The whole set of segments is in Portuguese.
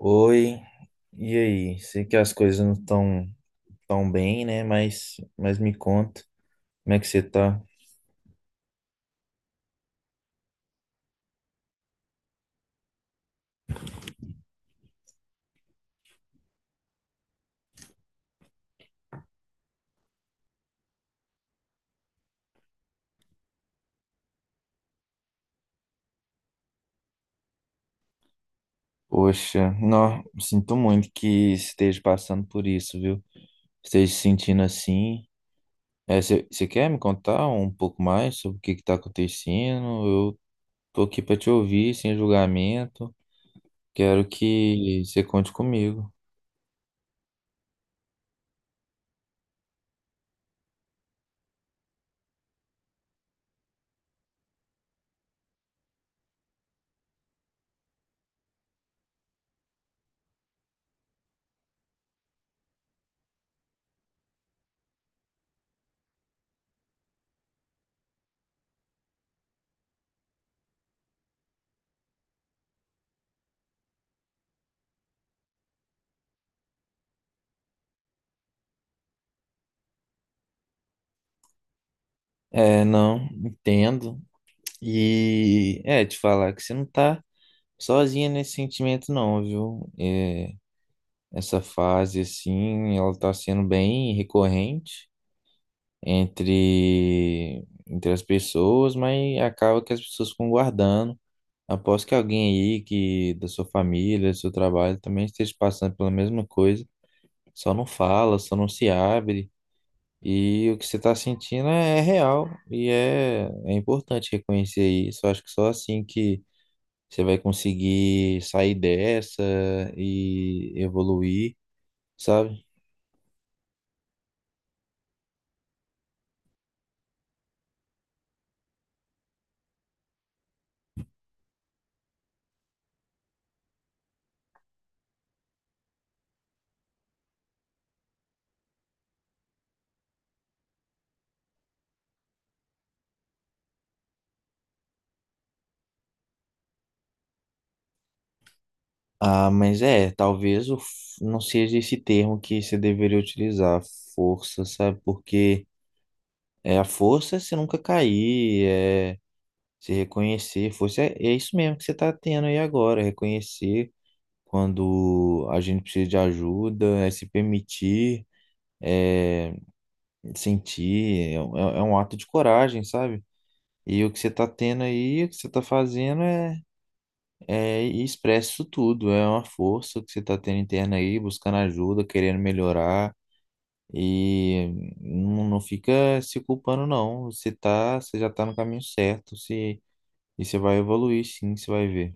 Oi, e aí? Sei que as coisas não estão tão bem, né? Mas me conta, como é que você tá? Poxa, não, sinto muito que esteja passando por isso, viu? Esteja se sentindo assim. É, você quer me contar um pouco mais sobre o que que tá acontecendo? Eu tô aqui pra te ouvir, sem julgamento. Quero que você conte comigo. É, não, entendo. E é, te falar que você não tá sozinha nesse sentimento não, viu? É, essa fase, assim, ela tá sendo bem recorrente entre as pessoas, mas acaba que as pessoas ficam guardando. Aposto que alguém aí que da sua família, do seu trabalho, também esteja passando pela mesma coisa. Só não fala, só não se abre. E o que você tá sentindo é real e é, é importante reconhecer isso. Eu acho que só assim que você vai conseguir sair dessa e evoluir, sabe? Ah, mas é, talvez o, não seja esse termo que você deveria utilizar, força, sabe? Porque é a força é você nunca cair, é se reconhecer, força é, é isso mesmo que você está tendo aí agora, reconhecer quando a gente precisa de ajuda, é se permitir, é sentir, é, é um ato de coragem, sabe? E o que você tá tendo aí, o que você tá fazendo é, é ir expresso isso tudo. É uma força que você tá tendo interna aí, buscando ajuda, querendo melhorar. E não, não fica se culpando, não. Você tá, você já tá no caminho certo. Se, e você vai evoluir, sim, você vai ver.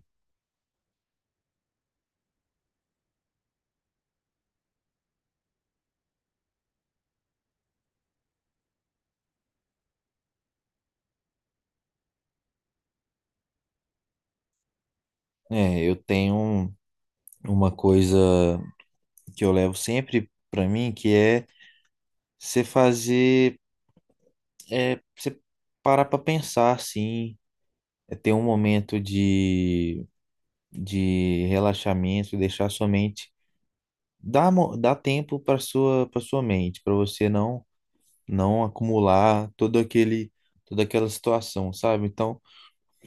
É, eu tenho uma coisa que eu levo sempre pra mim, que é você fazer, é, você parar pra pensar, assim. É ter um momento de relaxamento, deixar sua mente, dá, dá tempo para sua mente, para você não acumular todo aquele toda aquela situação, sabe? Então,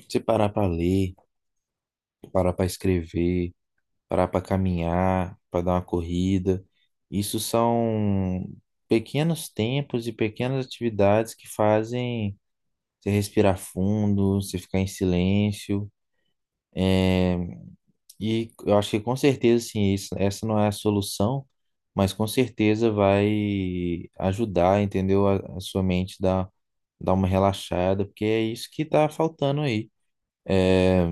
você parar para ler, parar para escrever, parar para caminhar, para dar uma corrida, isso são pequenos tempos e pequenas atividades que fazem você respirar fundo, você ficar em silêncio. eh, E eu acho que com certeza, sim, isso, essa não é a solução, mas com certeza vai ajudar, entendeu? A sua mente dar, dar uma relaxada, porque é isso que tá faltando aí. É,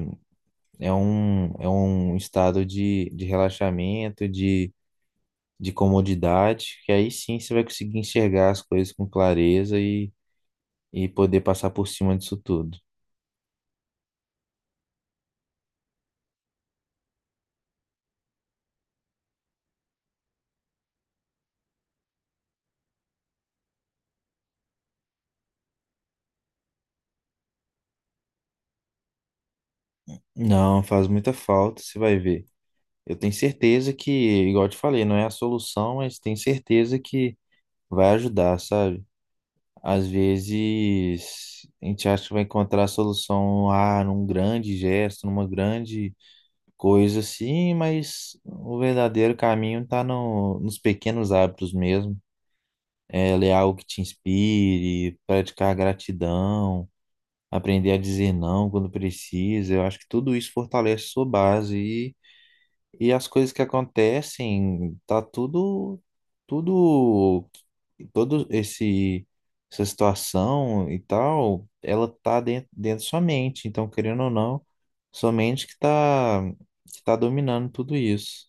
é um estado de relaxamento, de comodidade, que aí sim você vai conseguir enxergar as coisas com clareza e poder passar por cima disso tudo. Não, faz muita falta, você vai ver. Eu tenho certeza que, igual eu te falei, não é a solução, mas tenho certeza que vai ajudar, sabe? Às vezes a gente acha que vai encontrar a solução ah, num grande gesto, numa grande coisa assim, mas o verdadeiro caminho está no, nos pequenos hábitos mesmo. É ler algo que te inspire, praticar gratidão, aprender a dizer não quando precisa. Eu acho que tudo isso fortalece sua base. E as coisas que acontecem, tá tudo, tudo, todo esse, essa situação e tal, ela tá dentro da sua mente. Então, querendo ou não, sua mente que tá dominando tudo isso.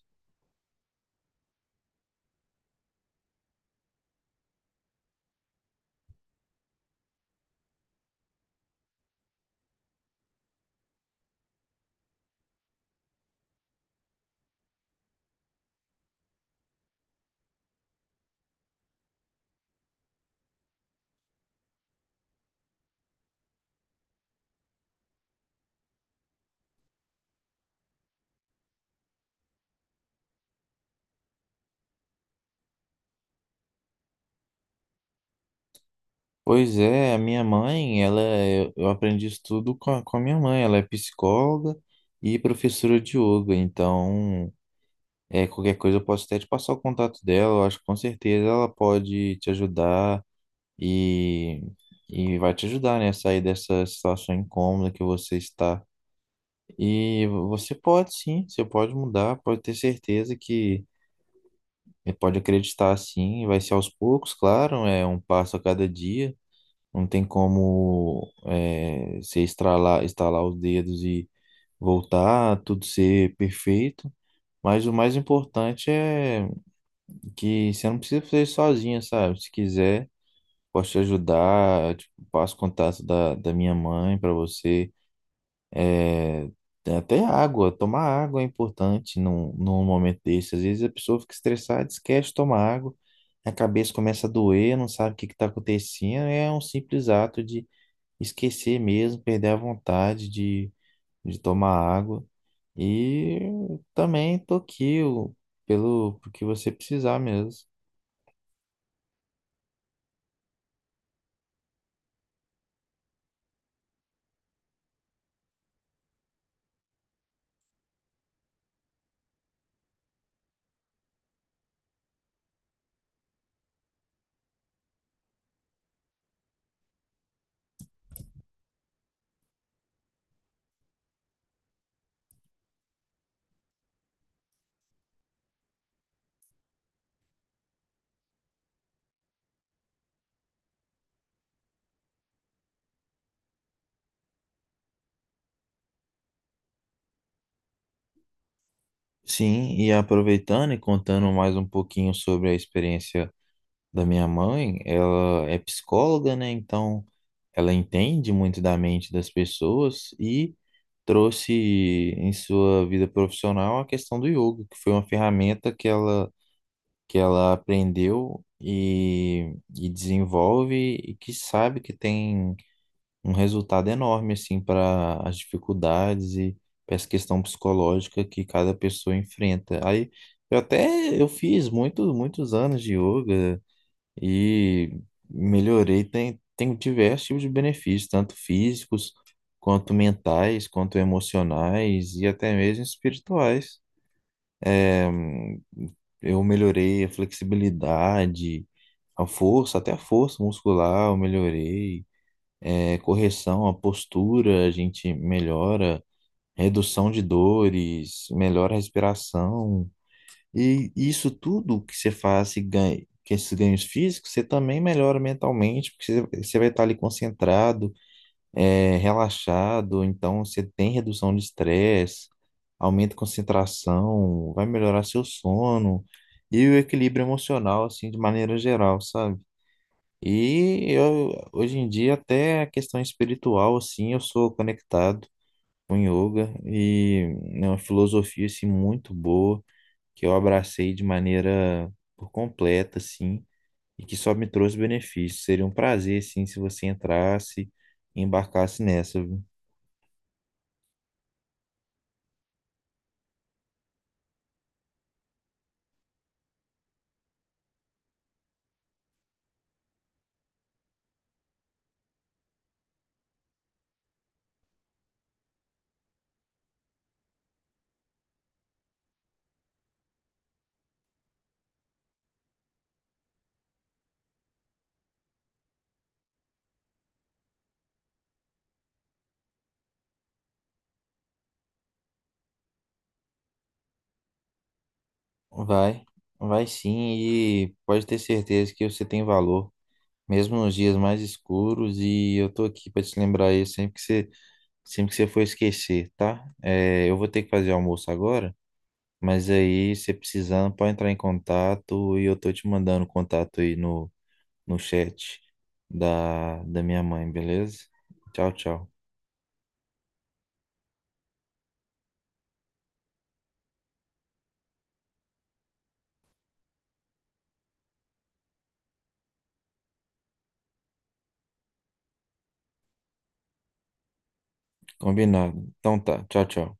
Pois é, a minha mãe, ela, é- eu aprendi isso tudo com a minha mãe. Ela é psicóloga e professora de yoga. Então, é, qualquer coisa eu posso até te passar o contato dela. Eu acho que com certeza ela pode te ajudar e, e vai te ajudar, né, a sair dessa situação incômoda que você está. E você pode sim, você pode mudar, pode ter certeza que pode acreditar sim, vai ser aos poucos, claro, é um passo a cada dia, não tem como é, você estralar, estalar os dedos e voltar, tudo ser perfeito. Mas o mais importante é que você não precisa fazer sozinha, sabe? Se quiser, posso te ajudar, tipo, passo o contato da, da minha mãe para você. É, tem até água, tomar água é importante num, num momento desse. Às vezes a pessoa fica estressada, esquece de tomar água, a cabeça começa a doer, não sabe o que está acontecendo. É um simples ato de esquecer mesmo, perder a vontade de tomar água. E também tô aqui pelo, pelo que você precisar mesmo. Sim, e aproveitando e contando mais um pouquinho sobre a experiência da minha mãe, ela é psicóloga, né? Então, ela entende muito da mente das pessoas e trouxe em sua vida profissional a questão do yoga, que foi uma ferramenta que ela aprendeu e desenvolve e que sabe que tem um resultado enorme, assim, para as dificuldades e para essa questão psicológica que cada pessoa enfrenta. Aí, eu até eu fiz muito, muitos anos de yoga, e melhorei. Tem diversos tipos de benefícios, tanto físicos, quanto mentais, quanto emocionais e até mesmo espirituais. É, eu melhorei a flexibilidade, a força, até a força muscular eu melhorei. É, correção, a postura a gente melhora, redução de dores, melhora a respiração. E isso tudo que você faz e ganha, que esses ganhos físicos, você também melhora mentalmente, porque você vai estar ali concentrado, é, relaxado, então você tem redução de estresse, aumenta a concentração, vai melhorar seu sono e o equilíbrio emocional, assim, de maneira geral, sabe? E eu, hoje em dia, até a questão espiritual, assim, eu sou conectado com yoga e é uma filosofia, assim, muito boa que eu abracei de maneira por completa, assim, e que só me trouxe benefícios. Seria um prazer, sim, se você entrasse e embarcasse nessa, viu? Vai, vai sim, e pode ter certeza que você tem valor, mesmo nos dias mais escuros, e eu tô aqui para te lembrar isso sempre que você for esquecer, tá? É, eu vou ter que fazer almoço agora, mas aí, se precisando, pode entrar em contato e eu tô te mandando o contato aí no no chat da, da minha mãe, beleza? Tchau, tchau. Combinado. Então tá. Tchau, tchau.